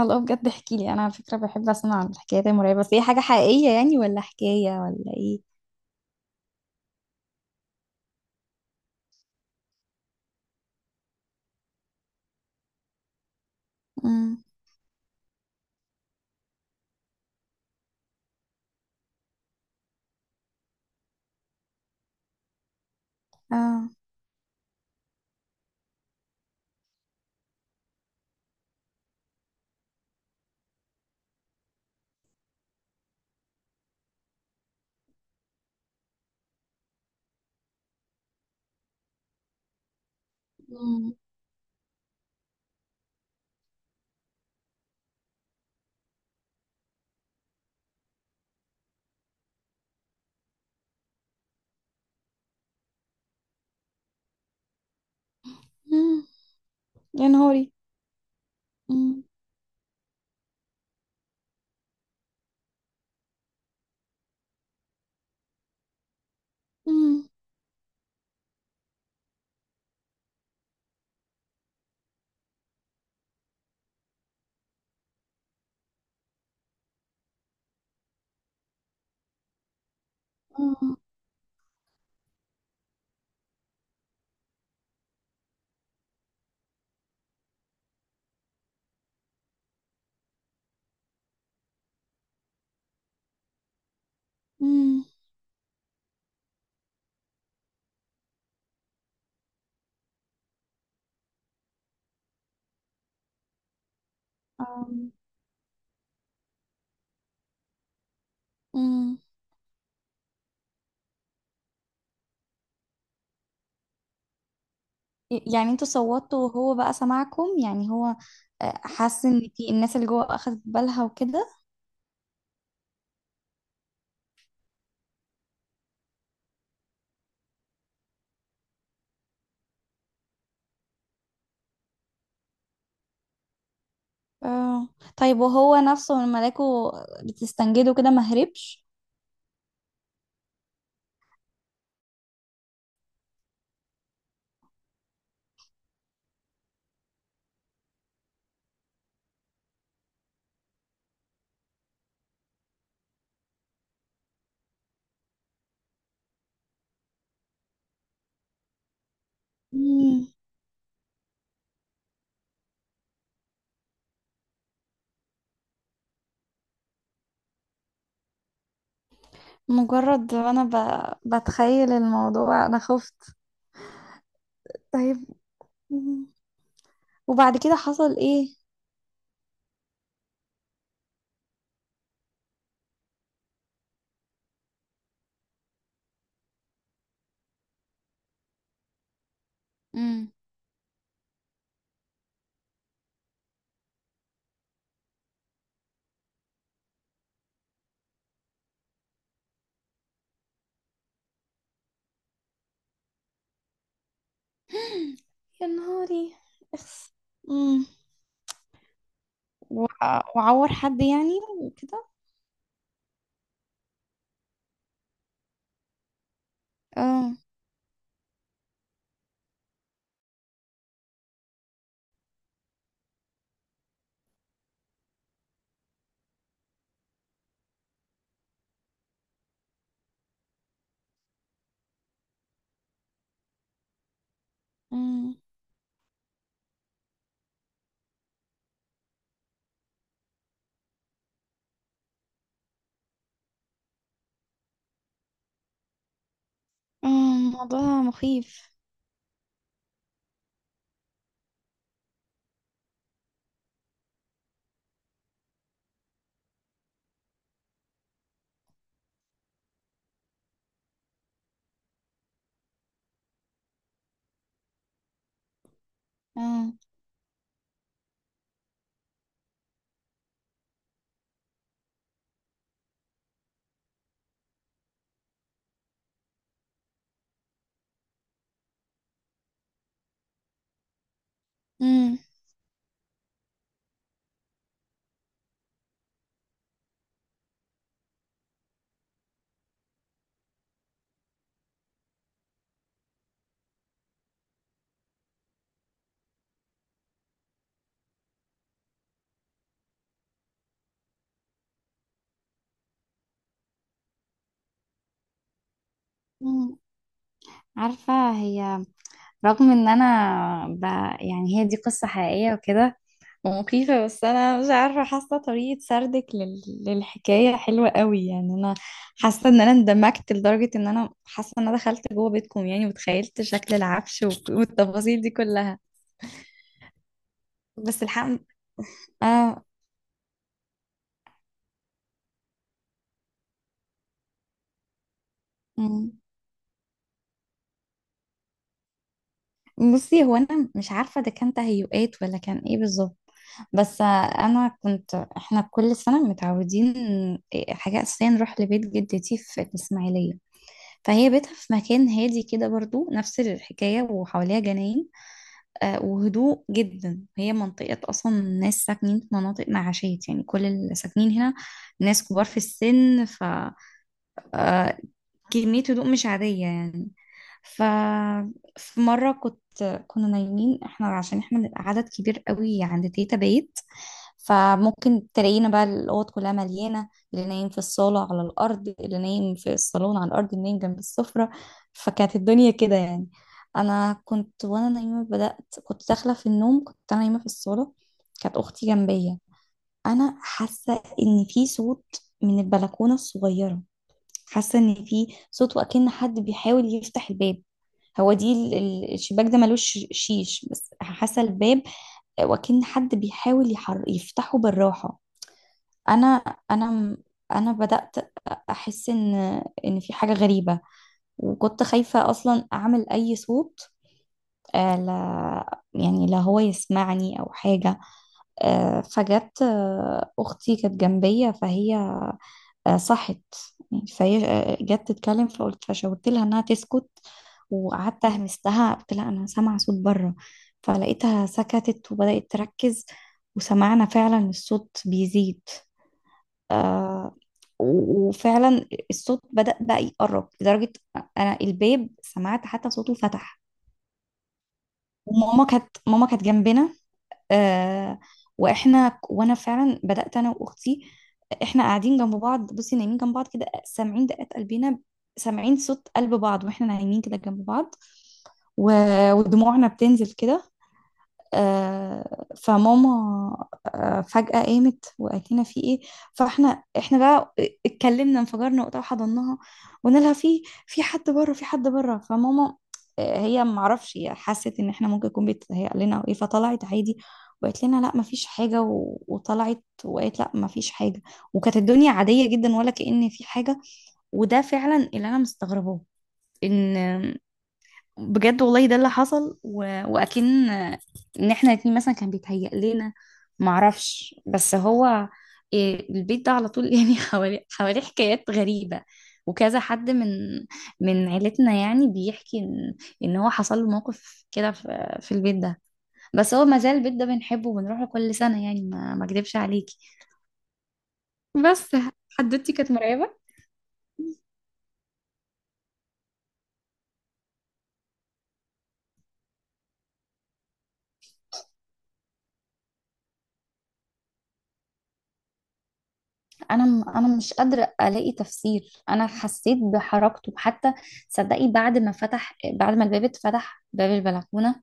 الله، بجد احكي لي، انا على فكره بحب اسمع الحكايات المرعبه، بس هي حاجه حقيقيه يعني ولا حكايه ولا ايه؟ امم. اه. امم. امم. يا نهاري! امم. امم. امم. امم. آم. أمم. يعني انتوا صوتوا وهو بقى سمعكم؟ يعني هو حس ان في الناس اللي جوه اخذت بالها وكده. اه. طيب، وهو نفسه لما لقوا بتستنجده كده ما هربش؟ مم. مجرد انا بتخيل الموضوع انا خفت. طيب، وبعد كده حصل ايه؟ امم. يا نهاري! اخس. امم. وعور حد يعني وكده؟ اه. امم. اه. موضوع مخيف. اه. امم. امم. عارفة هي، رغم ان انا ب... يعني هي دي قصة حقيقية وكده مخيفة، بس أنا مش عارفة، حاسة طريقة سردك للحكاية حلوة قوي، يعني أنا حاسة إن أنا اندمجت لدرجة إن أنا حاسة إن أنا دخلت جوه بيتكم يعني، وتخيلت شكل العفش والتفاصيل دي كلها. بس الحق. آه. مم. بصي، هو أنا مش عارفة ده كان تهيؤات ولا كان إيه بالظبط. بس أنا كنت، إحنا كل سنة متعودين حاجة أساسية نروح لبيت جدتي في الإسماعيلية. فهي بيتها في مكان هادي كده، برضو نفس الحكاية، وحواليها جناين وهدوء جدا، هي منطقة أصلا ناس ساكنين في مناطق معاشية، يعني كل اللي ساكنين هنا ناس كبار في السن، ف آه، كمية هدوء مش عادية يعني، ف. في مرة كنا نايمين احنا، عشان احنا بنبقى عدد كبير قوي عند تيتا بيت، فممكن تلاقينا بقى الأوض كلها مليانة، اللي نايم في الصالة على الأرض، اللي نايم في الصالون على الأرض، اللي نايم جنب السفرة، فكانت الدنيا كده يعني. أنا كنت وأنا نايمة بدأت، كنت داخلة في النوم، كنت أنا نايمة في الصالة، كانت أختي جنبية. أنا حاسة إن في صوت من البلكونة الصغيرة، حاسة ان في صوت وأكن حد بيحاول يفتح الباب، هو دي الشباك ده ملوش شيش، بس حاسة الباب، وأكن حد بيحاول يفتحه بالراحة. انا انا م- انا بدأت احس ان في حاجة غريبة، وكنت خايفة اصلا اعمل اي صوت لا يعني لا هو يسمعني او حاجة. فجت اختي كانت جنبية، فهي صحت يعني، فهي جت تتكلم، فشاورت لها انها تسكت، وقعدت اهمستها، قلت لها انا سامعه صوت بره، فلقيتها سكتت وبدات تركز، وسمعنا فعلا الصوت بيزيد. آه وفعلا الصوت بدأ بقى يقرب لدرجة أنا الباب سمعت حتى صوته فتح. وماما كانت جنبنا. آه وانا فعلا بدات انا واختي، احنا قاعدين جنب بعض، بصي نايمين جنب بعض كده، سامعين دقات قلبنا، سامعين صوت قلب بعض واحنا نايمين كده جنب بعض و... ودموعنا بتنزل كده فماما فجأة قامت وقالت لنا في ايه؟ احنا بقى اتكلمنا، انفجرنا وقتها وحضناها، وقلنا لها في حد بره، في حد بره، فماما هي ما اعرفش، هي حست ان احنا ممكن يكون بيتهيأ لنا او ايه، فطلعت عادي، وقالت لنا لا ما فيش حاجة، وطلعت وقالت لا ما فيش حاجة، وكانت الدنيا عادية جدا، ولا كأن في حاجة. وده فعلا اللي انا مستغرباه، ان، بجد والله ده اللي حصل واكن ان احنا الاتنين مثلا كان بيتهيأ لنا، معرفش، بس هو البيت ده على طول يعني حواليه حكايات غريبة. وكذا حد من عيلتنا يعني بيحكي ان هو حصل له موقف كده في البيت ده، بس هو مازال البيت ده بنحبه وبنروح له كل سنة، يعني ما اكدبش عليكي. بس حدوتي كانت مرعبة. انا مش قادره الاقي تفسير، انا حسيت بحركته حتى، صدقي بعد ما الباب اتفتح باب البلكونه،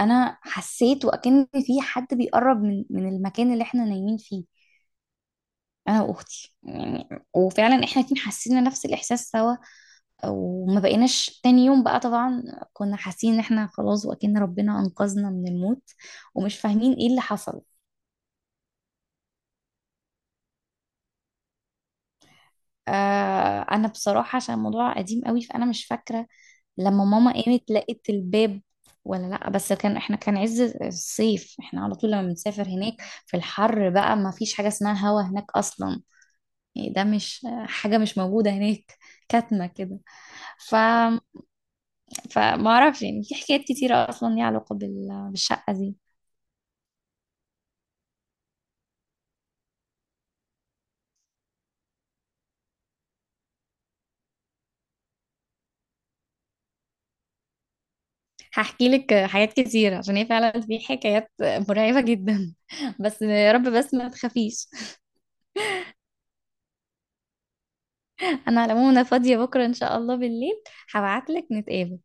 انا حسيت وكأن في حد بيقرب من المكان اللي احنا نايمين فيه، انا واختي يعني، وفعلا احنا الاتنين حسينا نفس الاحساس سوا، وما بقيناش تاني يوم بقى طبعا، كنا حاسين ان احنا خلاص وكأن ربنا انقذنا من الموت، ومش فاهمين ايه اللي حصل. انا بصراحه عشان الموضوع قديم قوي فانا مش فاكره لما ماما قامت لقيت الباب، ولا لا، بس كان، احنا كان عز الصيف، احنا على طول لما بنسافر هناك في الحر بقى ما فيش حاجة اسمها هوا هناك اصلا، يعني ده مش حاجة، مش موجودة هناك، كاتمة كده. ف فما اعرفش، يعني في حكايات كتيرة اصلا ليها علاقة بالشقة دي. هحكي لك حاجات كتيرة، عشان هي فعلا في حكايات مرعبة جدا بس يا رب بس ما تخافيش انا على العموم، انا فاضية بكرة ان شاء الله بالليل، هبعت لك نتقابل.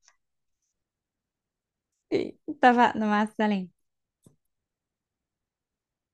اتفقنا، مع السلامة.